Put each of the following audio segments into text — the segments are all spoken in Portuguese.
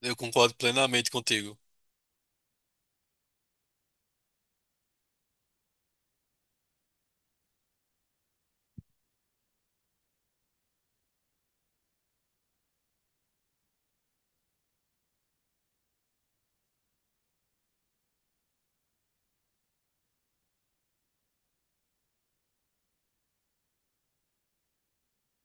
Eu concordo plenamente contigo.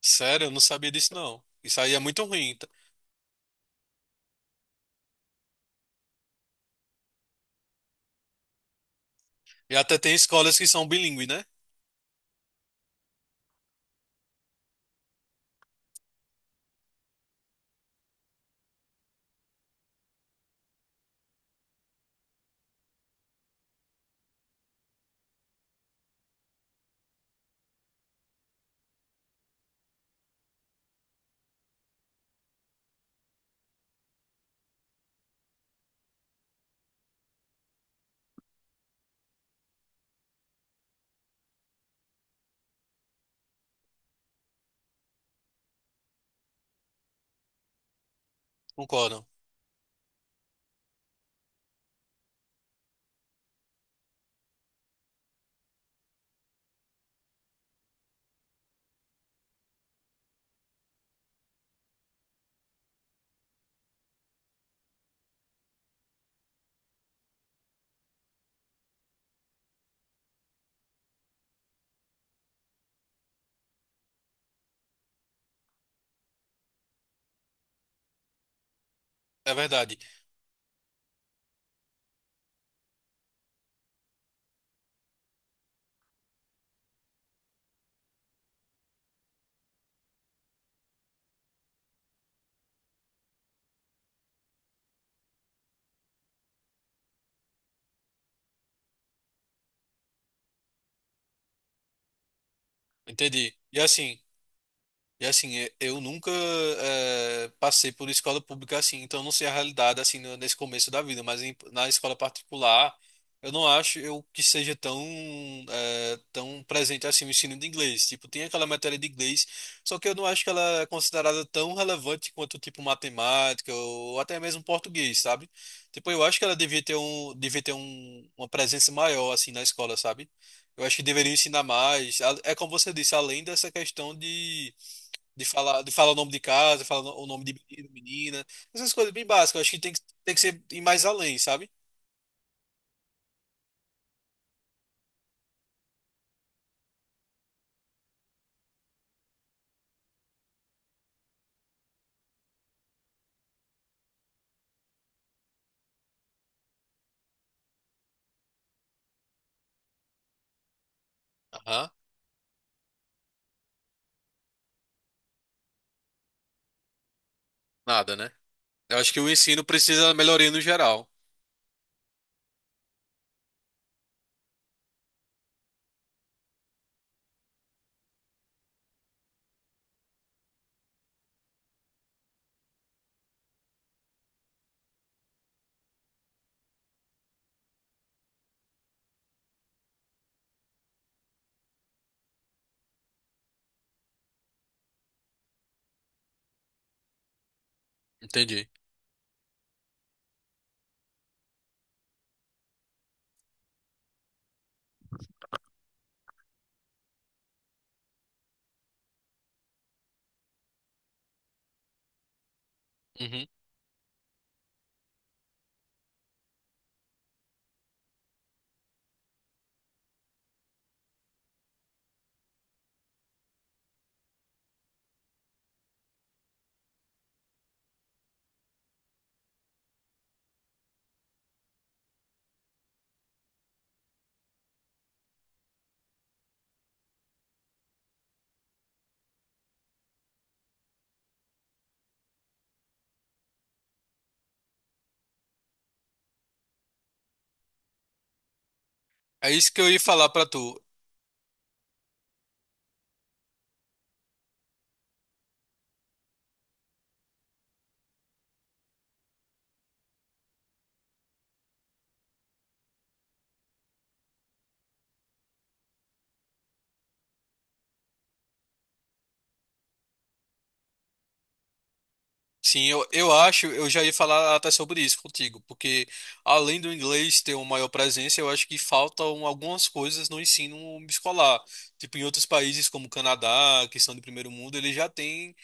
Sério, eu não sabia disso, não. Isso aí é muito ruim. E até tem escolas que são bilíngues, né? Concordam. É verdade. Entendi. E assim. Eu nunca passei por escola pública assim, então eu não sei a realidade assim nesse começo da vida, mas na escola particular, eu não acho eu que seja tão tão presente assim o ensino de inglês. Tipo, tem aquela matéria de inglês, só que eu não acho que ela é considerada tão relevante quanto tipo matemática ou até mesmo português, sabe? Tipo, eu acho que ela devia ter uma presença maior assim na escola, sabe? Eu acho que deveria ensinar mais. É como você disse, além dessa questão de falar, de falar o nome de casa, falar o nome de menino, menina. Essas coisas bem básicas. Eu acho que tem que, Tem que ser ir mais além, sabe? Aham, nada, né? Eu acho que o ensino precisa de melhoria no geral. Entendi. Uhum. É isso que eu ia falar pra tu. Sim, eu acho, eu já ia falar até sobre isso contigo, porque além do inglês ter uma maior presença, eu acho que faltam algumas coisas no ensino escolar. Tipo, em outros países como o Canadá, que são de primeiro mundo, eles já têm.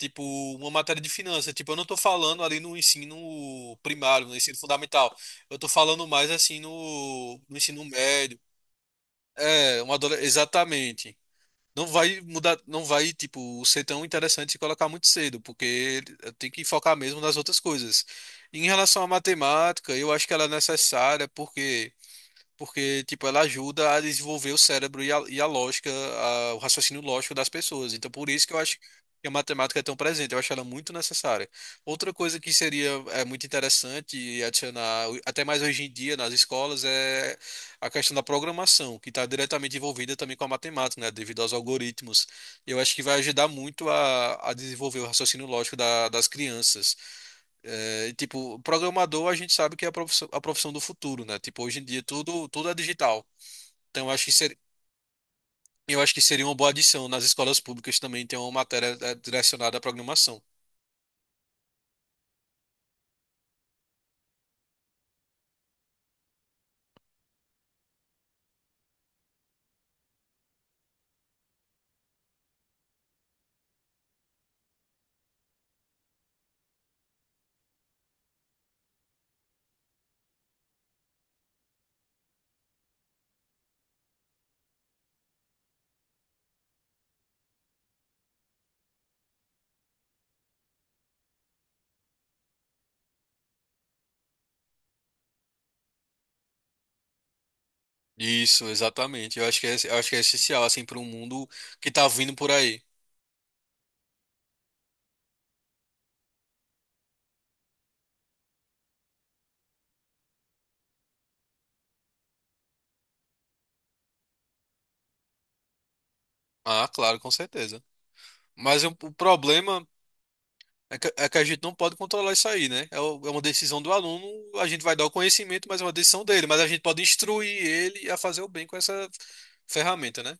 Tipo, uma matéria de finanças. Tipo, eu não tô falando ali no ensino primário, no ensino fundamental. Eu tô falando mais assim no ensino médio. É, exatamente. Não vai mudar, não vai, tipo, ser tão interessante se colocar muito cedo, porque tem que focar mesmo nas outras coisas. Em relação à matemática, eu acho que ela é necessária, porque porque tipo ela ajuda a desenvolver o cérebro e a lógica, o raciocínio lógico das pessoas. Então por isso que eu acho que a matemática é tão presente, eu acho ela muito necessária. Outra coisa que seria muito interessante e adicionar até mais hoje em dia nas escolas é a questão da programação, que está diretamente envolvida também com a matemática, né, devido aos algoritmos. Eu acho que vai ajudar muito a desenvolver o raciocínio lógico das crianças. É, tipo, programador a gente sabe que é a profissão do futuro, né? Tipo, hoje em dia tudo é digital. Então, eu acho que seria uma boa adição nas escolas públicas também ter uma matéria direcionada à programação. Isso, exatamente. Eu acho que é essencial, assim, para um mundo que tá vindo por aí. Ah, claro, com certeza. Mas o problema é que a gente não pode controlar isso aí, né? É, é uma decisão do aluno, a gente vai dar o conhecimento, mas é uma decisão dele. Mas a gente pode instruir ele a fazer o bem com essa ferramenta, né?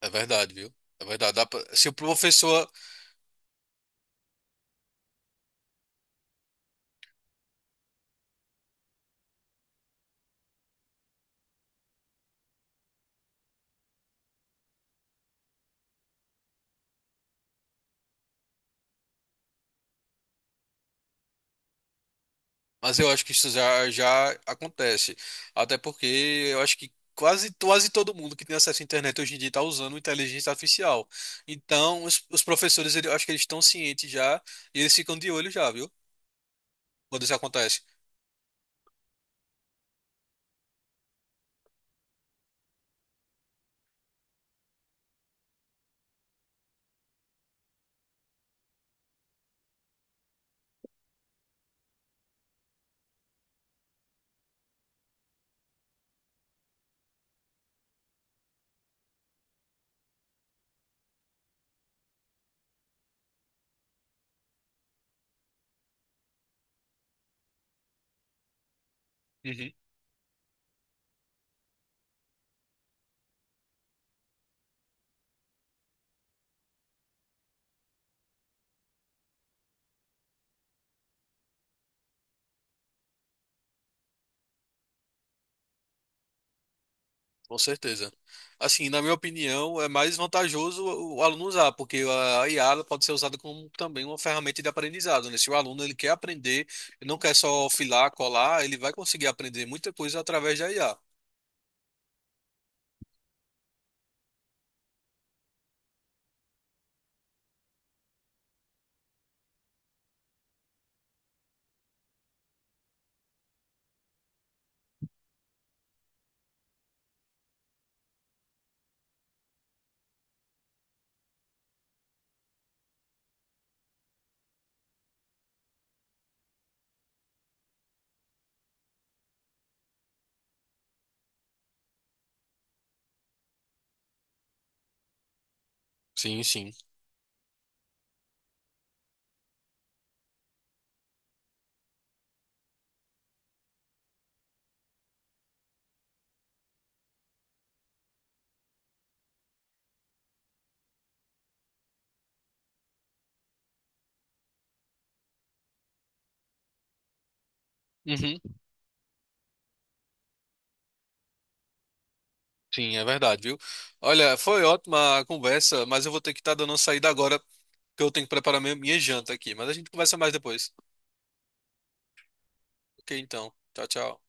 É verdade, viu? É verdade. Dá pra-. Se o professor. Mas eu acho que isso já, já acontece. Até porque eu acho que quase, quase todo mundo que tem acesso à internet hoje em dia está usando inteligência artificial. Então, os professores, eu acho que eles estão cientes já e eles ficam de olho já, viu? Quando isso acontece. Uhum. Com certeza. Assim, na minha opinião, é mais vantajoso o aluno usar, porque a IA ela pode ser usada como também uma ferramenta de aprendizado, né? Se o aluno ele quer aprender, ele não quer só filar, colar, ele vai conseguir aprender muita coisa através da IA. Sim, sim. Uhum. Sim, é verdade, viu? Olha, foi ótima a conversa, mas eu vou ter que estar dando uma saída agora, porque eu tenho que preparar minha janta aqui. Mas a gente conversa mais depois. Ok, então. Tchau, tchau.